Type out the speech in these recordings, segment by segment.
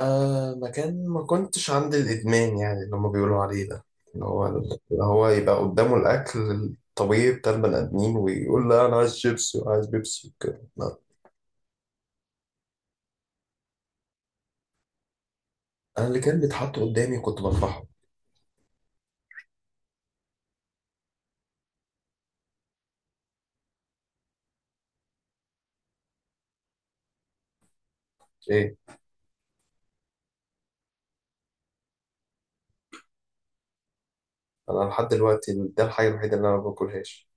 آه، مكان ما كنتش عند الإدمان، يعني اللي هما بيقولوا عليه ده، اللي هو يبقى قدامه الأكل الطبيعي بتاع البني آدمين ويقول لا، أنا عايز شيبسي وعايز بيبسي وكده. لا، أنا اللي كان بيتحط قدامي كنت بطبخه. إيه؟ أنا لحد دلوقتي، ده الحاجة الوحيدة اللي أنا ما باكلهاش.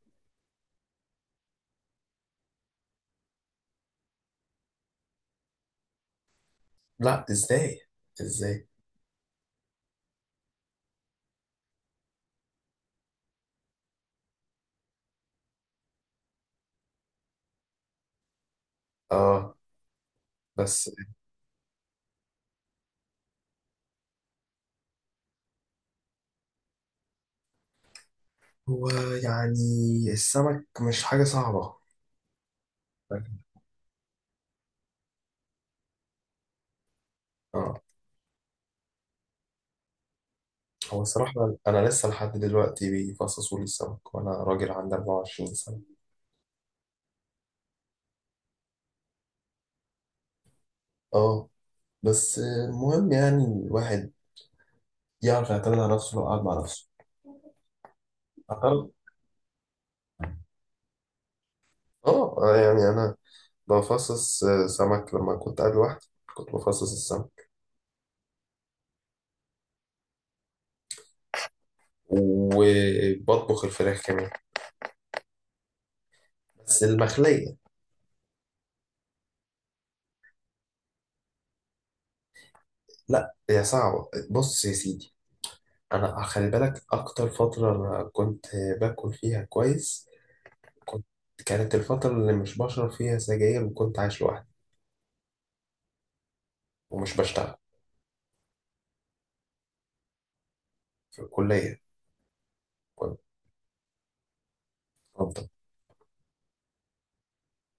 لا، إزاي؟ إزاي؟ آه، بس هو يعني السمك مش حاجة صعبة. اه، هو صراحة أنا لسه لحد دلوقتي بيفصصوا لي السمك وأنا راجل عندي 24 سنة. اه، بس المهم يعني الواحد يعرف يعتمد على نفسه لو قعد مع نفسه. أقل، اه، يعني انا بفصص سمك، لما كنت قاعد لوحدي كنت بفصص السمك، وبطبخ الفراخ كمان، بس المخلية. لا، هي صعبة، بص يا سيدي، انا خلي بالك اكتر فترة أنا كنت باكل فيها كويس، كنت كانت الفترة اللي مش بشرب فيها سجاير وكنت عايش لوحدي ومش بشتغل، في الكلية كنت بفضل.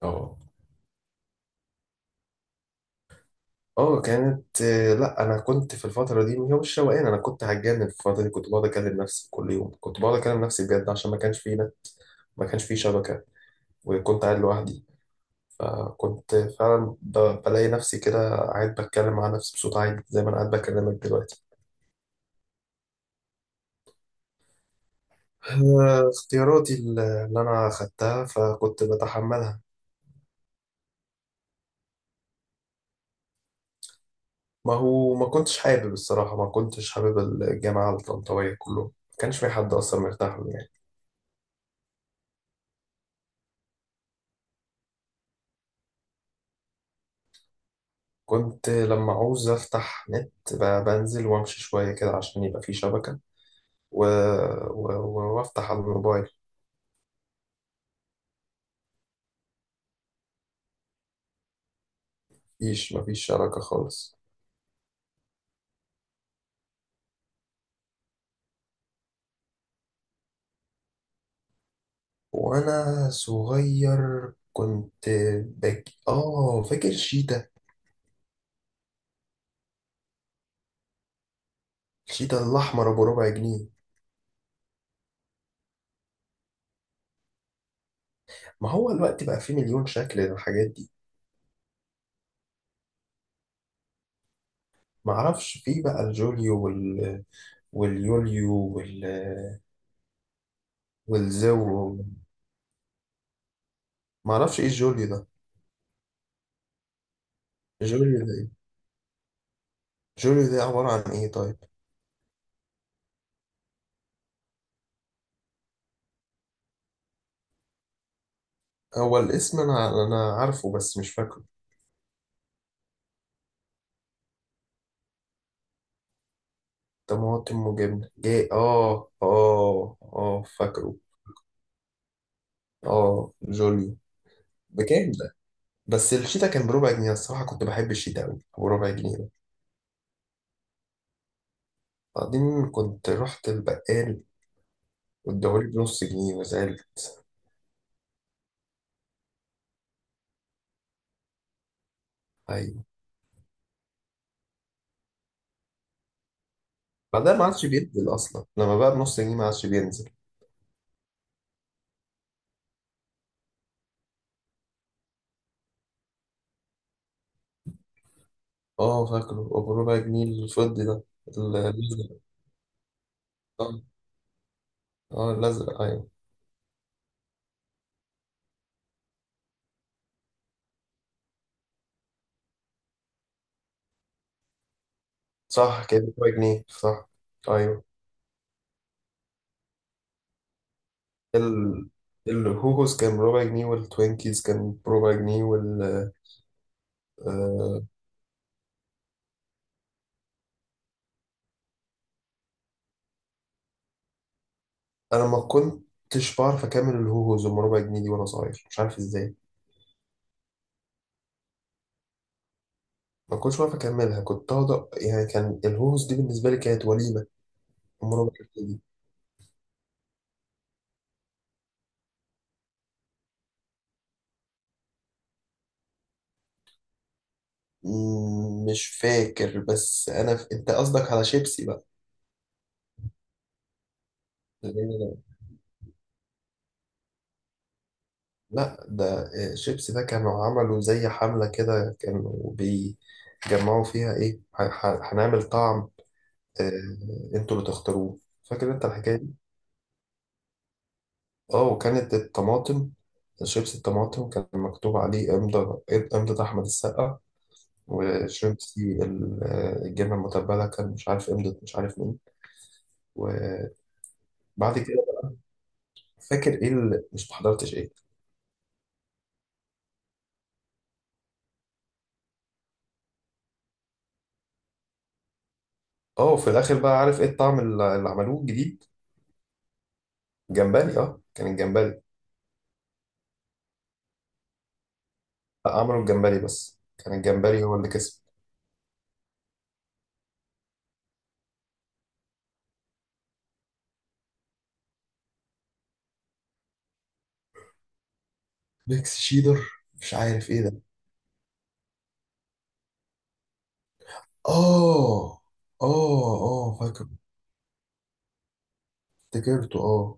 اه، اه كانت، لا انا كنت في الفتره دي هو مش روقان، انا كنت هتجنن في الفتره دي، كنت بقعد اكلم نفسي كل يوم، كنت بقعد اكلم نفسي بجد عشان ما كانش فيه نت، ما كانش فيه شبكه وكنت قاعد لوحدي، فكنت فعلا بلاقي نفسي كده قاعد بتكلم مع نفسي بصوت عالي زي ما انا قاعد بكلمك دلوقتي. اختياراتي اللي انا خدتها فكنت بتحملها. ما هو ما كنتش حابب، الصراحه ما كنتش حابب الجامعه الطنطاويه كله، ما كانش في حد اصلا مرتاح له يعني. كنت لما عاوز أفتح نت بنزل وأمشي شوية كده عشان يبقى في شبكة، و... وأفتح على الموبايل. مفيش شبكة خالص. وأنا صغير كنت بك آه فاكر شيتا، الشيتا الأحمر أبو ربع جنيه. ما هو الوقت بقى فيه مليون شكل للحاجات دي. معرفش، فيه بقى الجوليو واليوليو والزو. معرفش إيه الجوليو ده. الجوليو ده إيه؟ الجوليو ده عبارة عن إيه طيب؟ هو الاسم انا عارفه بس مش فاكره. طماطم وجبنه، جاي، اه اه اه، فاكره، اه جوليو. بكام ده؟ بس الشيتا كان بربع جنيه، الصراحه كنت بحب الشيتا قوي بربع جنيه ده. بعدين كنت رحت البقال واداهولي بنص جنيه وزعلت. ايوه، بعدها ما عادش بينزل اصلا، لما بقى بنص جنيه ما عادش بينزل. اه، فاكره بربع جنيه الفضي ده. الازرق، اه. الازرق، ايوه. صح كده، بربع جنيه، صح. ايوه، ال... الهوهوس كان بربع جنيه والتوينكيز كان بربع جنيه. آه... انا ما كنتش بعرف اكمل الهوهوز ام ربع جنيه دي وانا صغير، مش عارف ازاي. ما كنتش بعرف اكملها، كنت اقعد يعني كان الهوهوز دي بالنسبه لي كانت وليمه، ام ربع جنيه دي. مش فاكر، بس انا انت قصدك على شيبسي بقى. لأن- لا، ده شيبسي ده كانوا عملوا زي حمله كده، كانوا بيجمعوا فيها ايه، هنعمل طعم. آه، انتوا اللي تختاروه. فاكر انت الحكايه دي؟ اه، وكانت الطماطم، شيبس الطماطم كان مكتوب عليه امضة احمد السقا. وشيبسي الجبنه المتبله كان مش عارف امضة مش عارف مين. وبعد كده، فاكر ايه اللي مش محضرتش ايه. اه، وفي الاخر بقى عارف ايه الطعم اللي عملوه الجديد؟ جمبري، اه، كان الجمبري. لا، عملوا الجمبري، بس كان الجمبري هو اللي كسب. ميكس شيدر، مش عارف ايه ده. اه اه اه فاكر، افتكرته اه.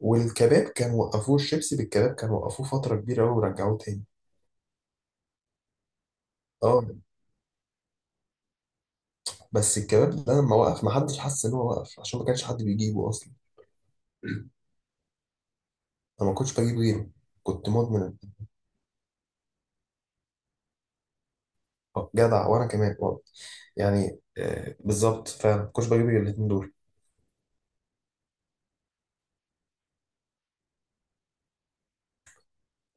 والكباب كان وقفوه، الشيبسي بالكباب كان وقفوه فترة كبيرة أوي ورجعوه تاني. اه، بس الكباب ده لما وقف محدش حس إن هو وقف عشان ما كانش حد بيجيبه أصلا. أنا ما كنتش بجيب غيره، كنت مدمن. آه، جدع، وأنا كمان برضه. يعني بالظبط، فعلا ما كنتش بجيب غير الاتنين دول.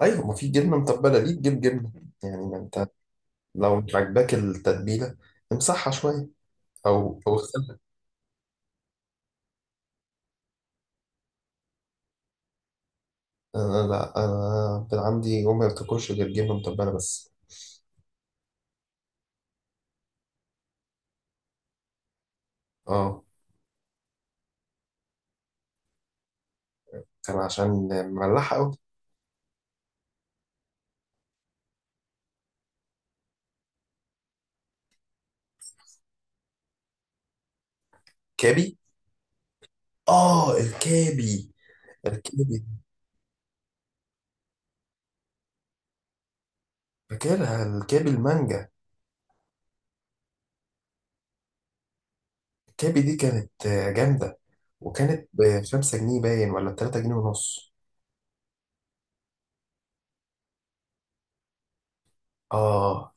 أيوة، ما في جبنة متبلة ليه تجيب جبنة؟ يعني ما أنت لو مش عاجباك التتبيلة امسحها شوية، أو اغسلها. أنا، لا أنا كان عندي أمي ما بتاكلش غير جبنة متبلة بس. اه، كان عشان مملحة. كابي، اه، الكابي فاكرها، الكابي المانجا. الكابي دي كانت جامدة، وكانت ب5 جنيه باين، ولا ب3 جنيه ونص؟ اه.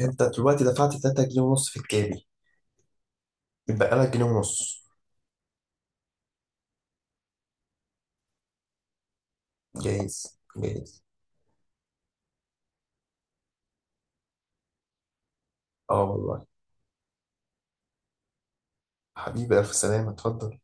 انت دلوقتي دفعت 3 جنيه ونص في الكابي، يتبقى لك جنيه ونص. جايز، جايز. اه والله. حبيبي ألف سلامة، اتفضل.